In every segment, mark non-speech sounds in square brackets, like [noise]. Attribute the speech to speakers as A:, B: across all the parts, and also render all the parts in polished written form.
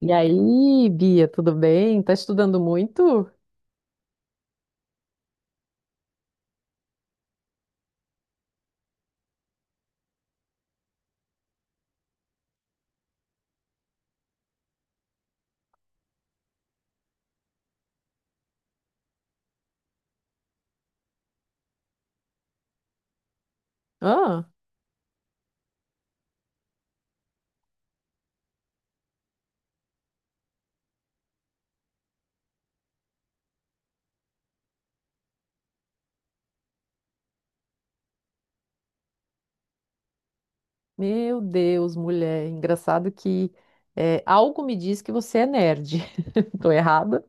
A: E aí, Bia, tudo bem? Tá estudando muito? Ah, meu Deus, mulher. Engraçado que algo me diz que você é nerd. [laughs] Tô errada?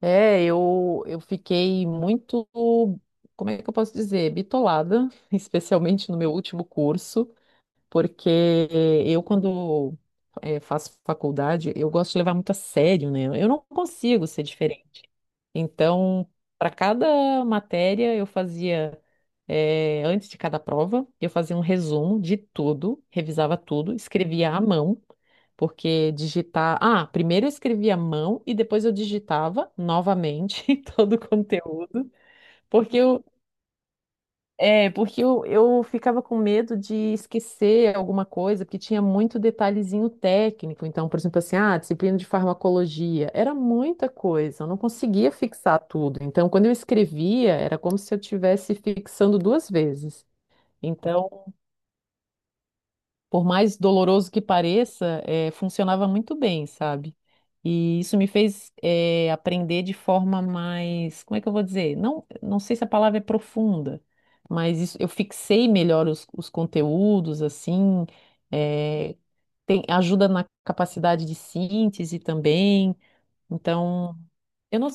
A: É, eu fiquei muito, como é que eu posso dizer, bitolada, [laughs] especialmente no meu último curso. Porque quando faço faculdade, eu gosto de levar muito a sério, né? Eu não consigo ser diferente. Então, para cada matéria, antes de cada prova, eu fazia um resumo de tudo, revisava tudo, escrevia à mão, porque digitar. Ah, primeiro eu escrevia à mão e depois eu digitava novamente [laughs] todo o conteúdo, porque eu, porque eu ficava com medo de esquecer alguma coisa, porque tinha muito detalhezinho técnico. Então, por exemplo, assim, disciplina de farmacologia, era muita coisa, eu não conseguia fixar tudo. Então, quando eu escrevia, era como se eu estivesse fixando duas vezes. Então, por mais doloroso que pareça, funcionava muito bem, sabe? E isso me fez, aprender de forma mais, como é que eu vou dizer? Não, não sei se a palavra é profunda, mas eu fixei melhor os conteúdos, assim, eh, ajuda na capacidade de síntese também. Então, eu não.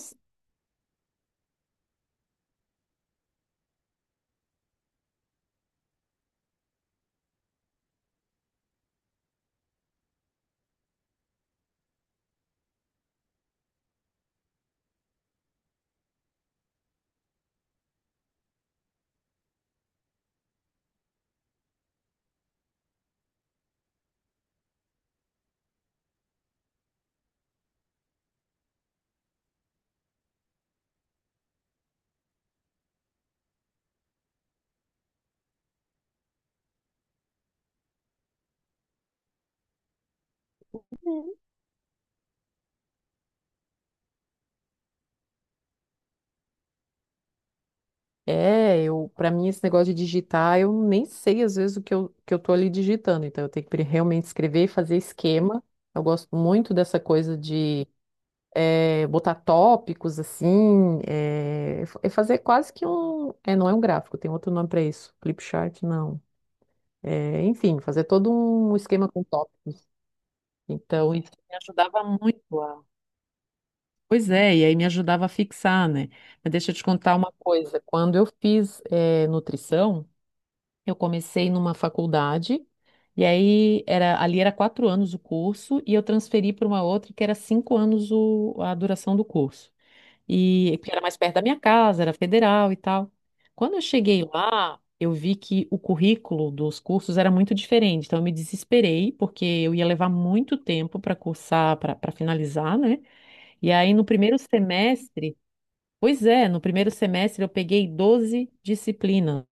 A: Para mim esse negócio de digitar, eu nem sei às vezes que eu tô ali digitando, então eu tenho que realmente escrever e fazer esquema. Eu gosto muito dessa coisa de botar tópicos assim, é fazer quase que um, não é um gráfico, tem outro nome para isso, flipchart, não. É, enfim, fazer todo um esquema com tópicos. Então isso me ajudava muito a. Pois é, e aí me ajudava a fixar, né? Mas deixa eu te contar uma coisa. Quando eu fiz nutrição, eu comecei numa faculdade, e aí ali era 4 anos o curso, e eu transferi para uma outra que era 5 anos a duração do curso. E porque era mais perto da minha casa, era federal e tal. Quando eu cheguei lá, eu vi que o currículo dos cursos era muito diferente, então eu me desesperei, porque eu ia levar muito tempo para cursar, para finalizar, né? E aí no primeiro semestre, pois é, no primeiro semestre eu peguei 12 disciplinas.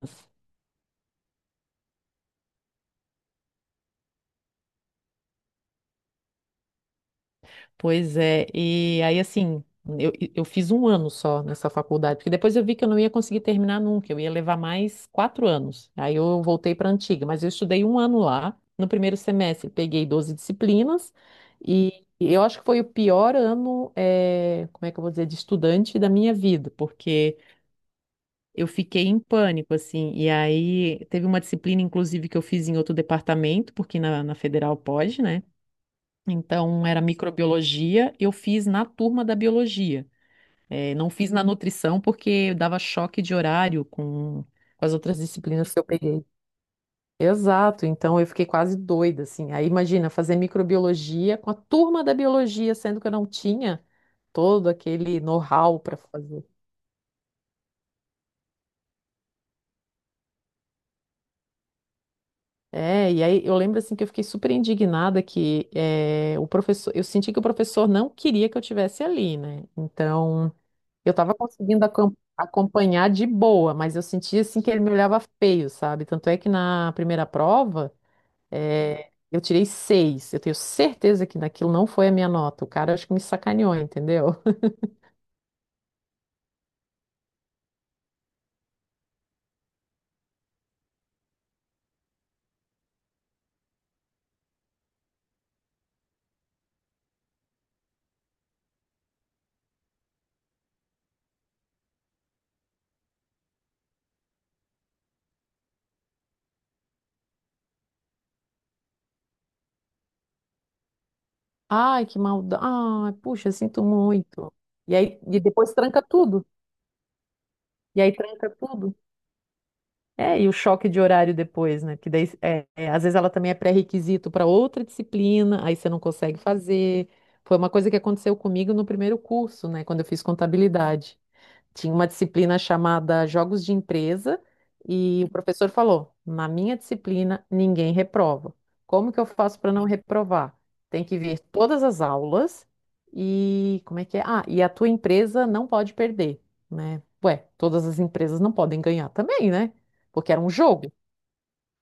A: Pois é, e aí assim, eu fiz um ano só nessa faculdade, porque depois eu vi que eu não ia conseguir terminar nunca, eu ia levar mais 4 anos. Aí eu voltei para a antiga, mas eu estudei um ano lá, no primeiro semestre, peguei 12 disciplinas, e eu acho que foi o pior ano, como é que eu vou dizer, de estudante da minha vida, porque eu fiquei em pânico, assim, e aí teve uma disciplina, inclusive, que eu fiz em outro departamento, porque na federal pode, né? Então, era microbiologia, eu fiz na turma da biologia. Não fiz na nutrição porque dava choque de horário com as outras disciplinas que eu peguei. Exato, então eu fiquei quase doida, assim. Aí imagina fazer microbiologia com a turma da biologia, sendo que eu não tinha todo aquele know-how para fazer. É, e aí eu lembro assim que eu fiquei super indignada que o professor, eu senti que o professor não queria que eu tivesse ali, né? Então, eu estava conseguindo acompanhar de boa, mas eu sentia assim que ele me olhava feio, sabe? Tanto é que na primeira prova, eu tirei seis. Eu tenho certeza que naquilo não foi a minha nota. O cara acho que me sacaneou, entendeu? Ai, que maldade. Ai, puxa, sinto muito. E aí, e depois tranca tudo. E aí tranca tudo. É, e o choque de horário depois, né? Que daí, às vezes ela também é pré-requisito para outra disciplina, aí você não consegue fazer. Foi uma coisa que aconteceu comigo no primeiro curso, né? Quando eu fiz contabilidade. Tinha uma disciplina chamada Jogos de Empresa e o professor falou: na minha disciplina ninguém reprova. Como que eu faço para não reprovar? Tem que ver todas as aulas e como é que é? Ah, e a tua empresa não pode perder, né? Ué, todas as empresas não podem ganhar também, né? Porque era um jogo.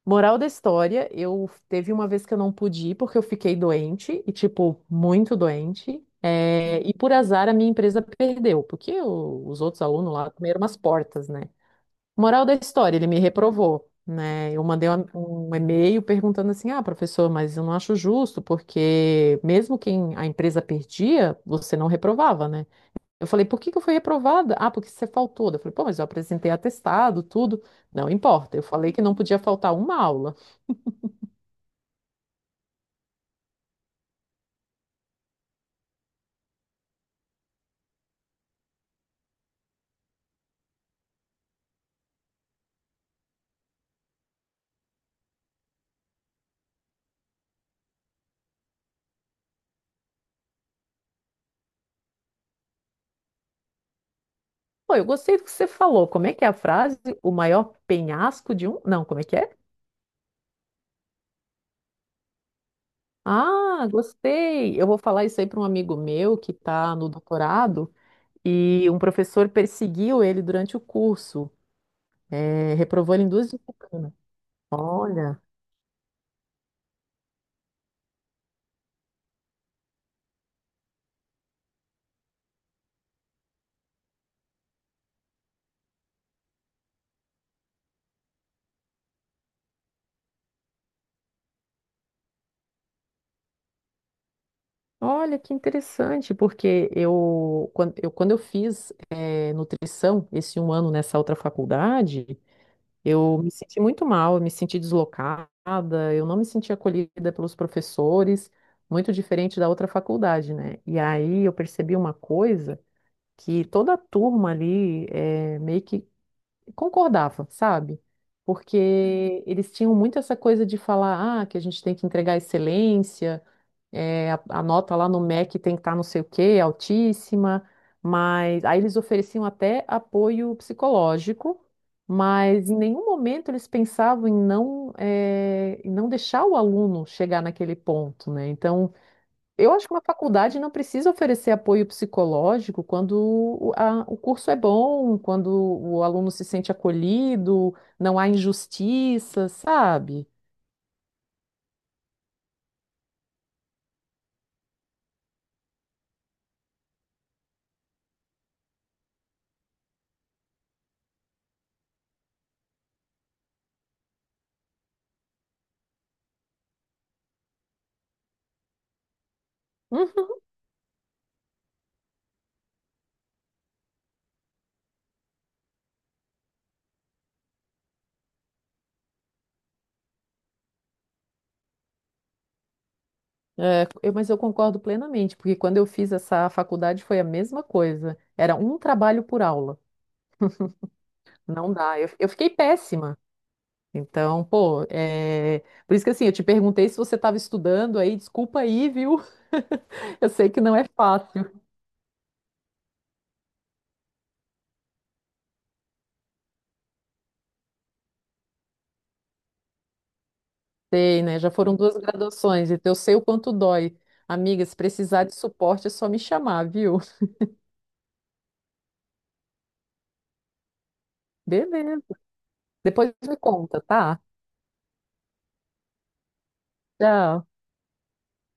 A: Moral da história, eu teve uma vez que eu não pude ir porque eu fiquei doente, e tipo, muito doente. E por azar a minha empresa perdeu, porque os outros alunos lá comeram umas portas, né? Moral da história, ele me reprovou, né? Eu mandei um e-mail perguntando assim: ah, professor, mas eu não acho justo, porque mesmo quem a empresa perdia, você não reprovava, né? Eu falei: por que que eu fui reprovada? Ah, porque você faltou. Eu falei: pô, mas eu apresentei atestado, tudo. Não importa, eu falei que não podia faltar uma aula. Pô, eu gostei do que você falou. Como é que é a frase? O maior penhasco de um. Não, como é que é? Ah, gostei. Eu vou falar isso aí para um amigo meu que está no doutorado e um professor perseguiu ele durante o curso. É, reprovou ele em duas disciplinas. Olha, olha que interessante, porque quando eu fiz nutrição esse um ano nessa outra faculdade. Eu me senti muito mal, eu me senti deslocada, eu não me senti acolhida pelos professores, muito diferente da outra faculdade, né? E aí eu percebi uma coisa que toda a turma ali meio que concordava, sabe? Porque eles tinham muito essa coisa de falar, ah, que a gente tem que entregar excelência, a nota lá no MEC tem que estar não sei o quê, altíssima, mas aí eles ofereciam até apoio psicológico, mas em nenhum momento eles pensavam em não, em não deixar o aluno chegar naquele ponto, né? Então, eu acho que uma faculdade não precisa oferecer apoio psicológico quando o curso é bom, quando o aluno se sente acolhido, não há injustiça, sabe? Uhum. É, mas eu concordo plenamente, porque quando eu fiz essa faculdade foi a mesma coisa. Era um trabalho por aula. Não dá. Eu fiquei péssima. Então, pô, por isso que assim, eu te perguntei se você estava estudando aí, desculpa aí, viu? [laughs] Eu sei que não é fácil. Sei, né? Já foram duas graduações, então eu sei o quanto dói. Amiga, se precisar de suporte é só me chamar, viu? [laughs] Beleza. Depois me conta, tá? Tchau.